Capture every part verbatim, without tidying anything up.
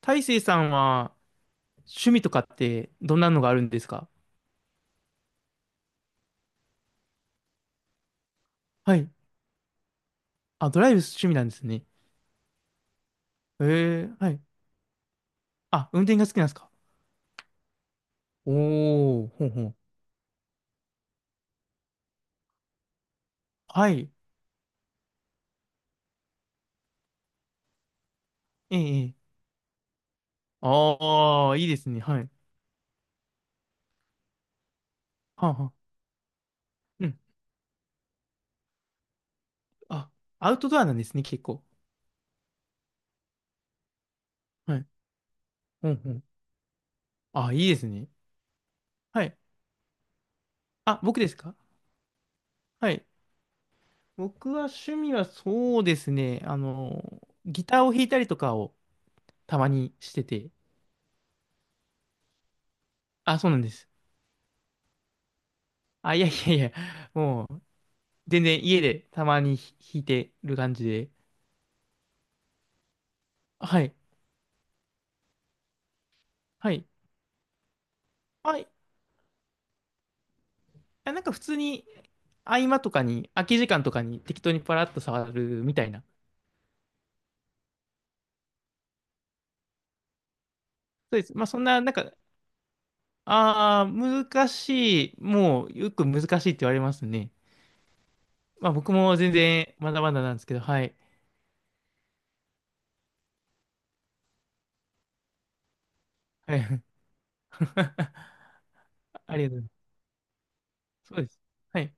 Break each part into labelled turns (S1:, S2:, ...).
S1: 大成さんは趣味とかってどんなのがあるんですか？はい。あ、ドライブ趣味なんですね。ええ、はい。あ、運転が好きなんですか？おー、ほんほん。はい。ええ、ええ。ああ、いいですね。はい。はんはん。うん。あ、アウトドアなんですね、結構。はい。ほんほん。あ、いいですね。はい。あ、僕ですか？はい。僕は趣味はそうですね。あの、ギターを弾いたりとかをたまにしてて。あ、そうなんです。あ、いやいやいや。もう、全然家でたまに弾いてる感じで。はい。はい。はい。あ、なんか普通に合間とかに、空き時間とかに適当にパラッと触るみたいな。そうです。まあそんな、なんか、ああ、難しい。もうよく難しいって言われますね。まあ僕も全然まだまだなんですけど、はい。はい。ありがとうございます。そうです。はい。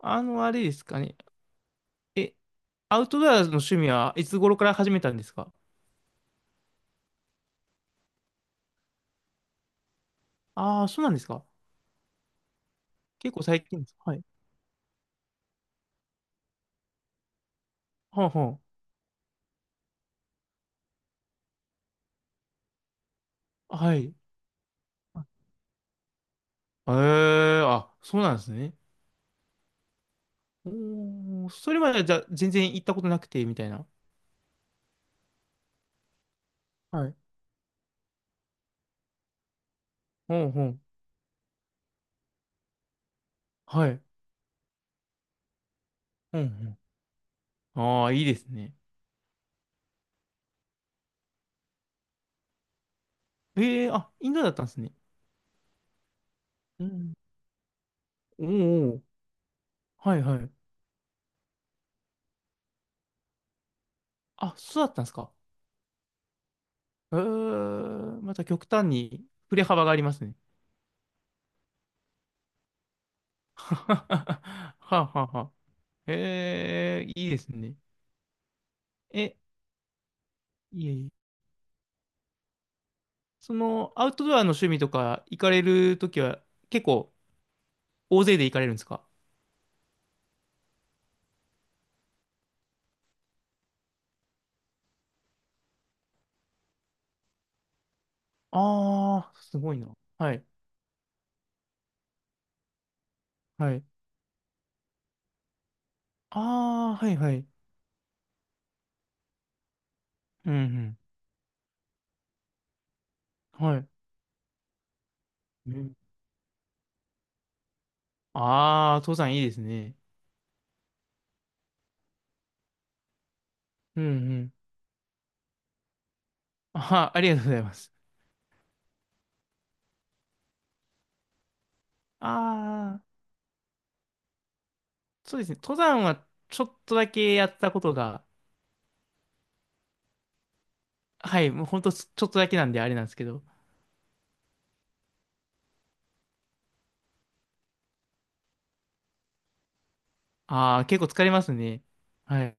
S1: あの、あれですかね。え、アウトドアの趣味はいつ頃から始めたんですか？ああー、そうなんですか。結構最近です。はい。はあはあ、はい。ええ、あ、そうなんですね。おー、それまでじゃあ全然行ったことなくて、みたいな。はい。うんうん。はい。うんうん。ああ、いいですね。ええ、あ、インドだったんですね。うん。おー、おー、はいはい。あ、そうだったんですか。ええ、また極端に振れ幅がありますね。はあはあはあ。ええ、いいですね。え、いえいえ。その、アウトドアの趣味とか行かれるときは結構大勢で行かれるんですか？ああ、すごいな。はい。はい。ああ、はいはい。うん、うん。はい。ああー、登山いいですね。うん、うん。あー、ありがとうございます。ああ、そうですね。登山はちょっとだけやったことが、はい、もうほんとちょっとだけなんであれなんですけど。ああ、結構疲れますね。はい。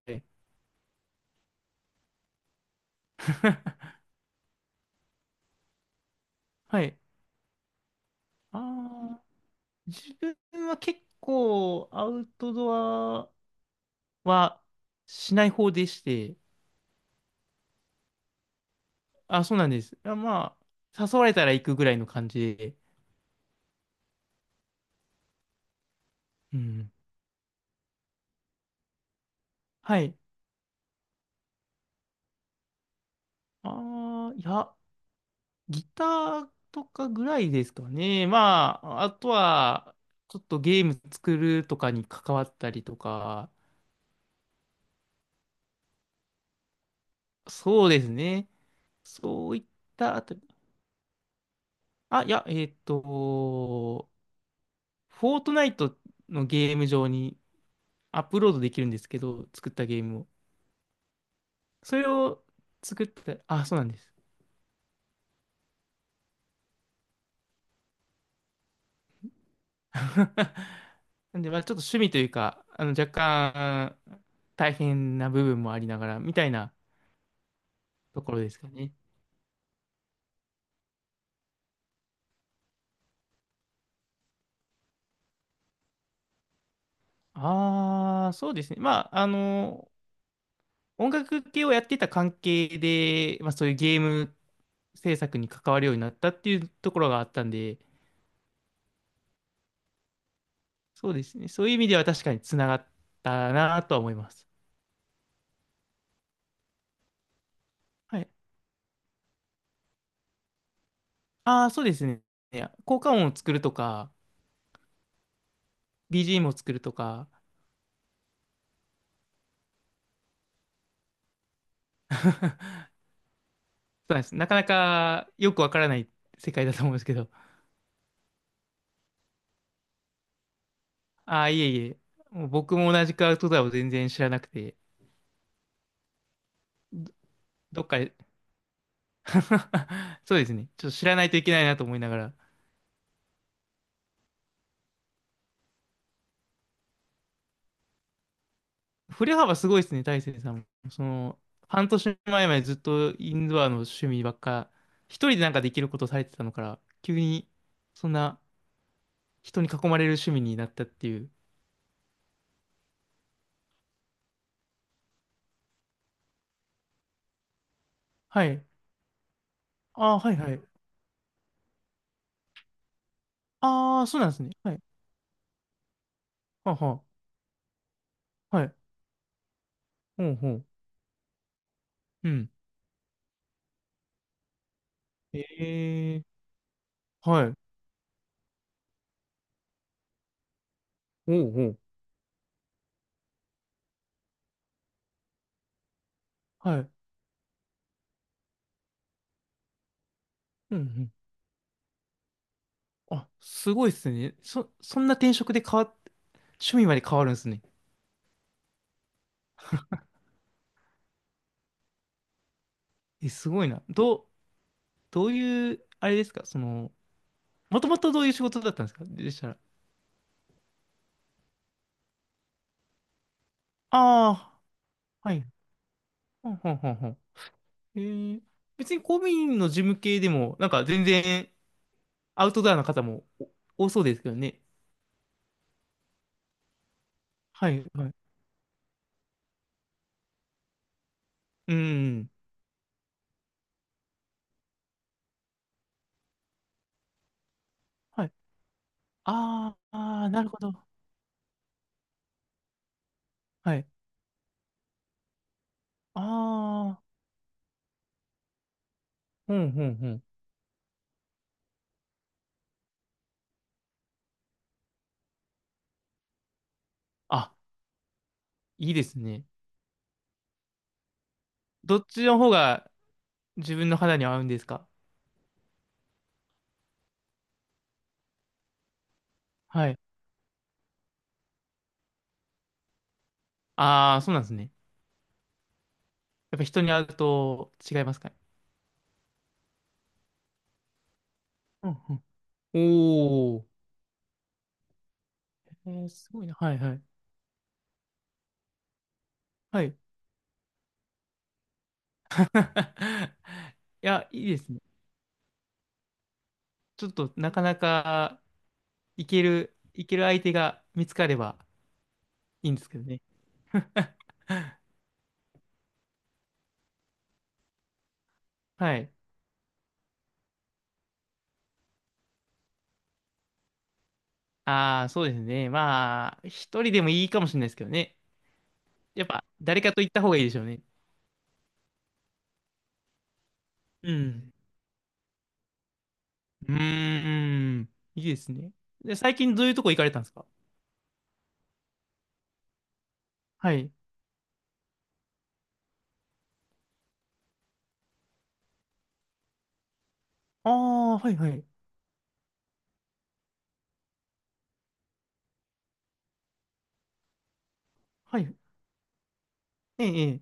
S1: はい。ああ、自分は結構アウトドアはしない方でして、あ、そうなんです。あ、まあ、誘われたら行くぐらいの感じで。うん。はい。ああ、いや、ギターとかぐらいですかね。まあ、あとは、ちょっとゲーム作るとかに関わったりとか、そうですね。そういったあたり。あ、いや、えっと、フォートナイトのゲーム上にアップロードできるんですけど、作ったゲームを。それを作った、あ、そうなんです。なんで、まあちょっと趣味というか、あの、若干、大変な部分もありながら、みたいなところですかね。ああ、そうですね。まあ、あの、音楽系をやってた関係で、まあ、そういうゲーム制作に関わるようになったっていうところがあったんで、そうですね。そういう意味では確かにつながったなとは思います。はい。ああ、そうですね。いや効果音を作るとか、ビージーエム を作るとか、そうなんです。なかなかよくわからない世界だと思うんですけど、ああ、いえいえ。もう僕も同じくアウトドアを全然知らなくて、どっかで そうですね。ちょっと知らないといけないなと思いながら。振れ幅すごいですね、大成さんも。その、半年前までずっとインドアの趣味ばっか、一人でなんかできることされてたのから、急に、そんな人に囲まれる趣味になったっていう。はい。ああ、はいはい。ああ、そうなんですね。はい。はあはあ。はい。ほうほう。うん。ええー。はい。ほうほう。はい。うんうん、あ、すごいっすね。そ、そんな転職で変わっ、趣味まで変わるんですね。え、すごいな。どう、どういう、あれですか、その、もともとどういう仕事だったんですかでしたら？ああ、はい。ほんほんほんほん。えー、別に公務員の事務系でも、なんか全然アウトドアな方もお多そうですけどね。はい、はい。うん。はい。あーあー、なるほど。はい。ああ、ほんほんほん。あ、いいですね。どっちの方が自分の肌に合うんですか？はい。ああ、そうなんですね。やっぱ人に会うと違いますかね。うんうん。おお。えー、すごいな。はいはい。はい。いや、いいですね。ちょっとなかなかいける、いける相手が見つかればいいんですけどね。はい。ああ、そうですね。まあ、一人でもいいかもしれないですけどね。やっぱ、誰かと行った方がいいでしょうね。うん。うーん。いいですね。で、最近どういうとこ行かれたんですか？はい。ああ、はいはい。はい。ええ、ええ。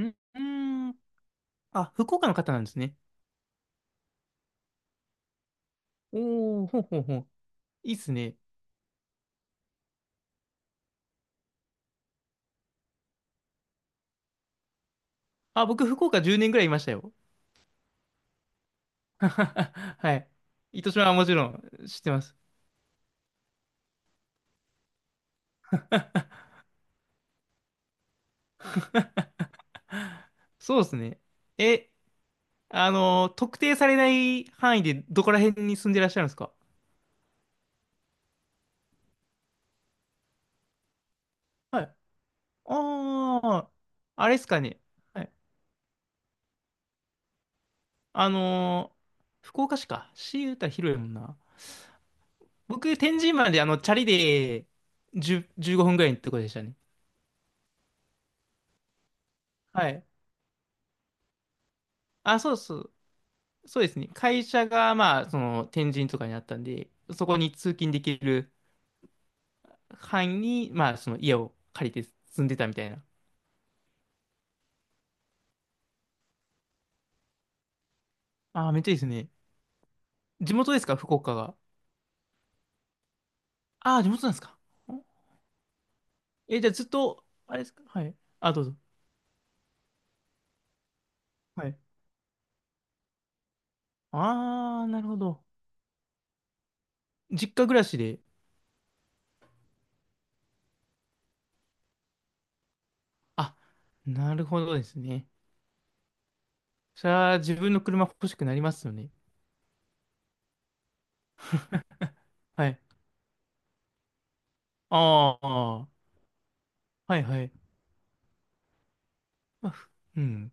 S1: んうーん。あ、福岡の方なんですね。おー、ほうほうほう。いいっすね。あ、僕、福岡じゅうねんぐらいいましたよ。はい。糸島はもちろん知ってます。そうですね。え、あの特定されない範囲でどこら辺に住んでらっしゃるんですか？はい。ああ、あれっすかね。はい。あのー福岡市か。市言うたら広いもんな。僕、天神まであの、チャリでじゅう、じゅうごふんぐらいのとこでしたね。はい。あ、そうそう。そうですね。会社が、まあ、その、天神とかにあったんで、そこに通勤できる範囲に、まあ、その家を借りて住んでたみたいな。ああ、めっちゃいいですね。地元ですか福岡が？ああ、地元なんですか。ん、え、じゃあずっと、あれですか、はい。あ、どうぞ。はい。ああ、なるほど。実家暮らしで。あ、なるほどですね。それは自分の車欲しくなりますよね。はい。ああ、はいはい。まあふ、うん。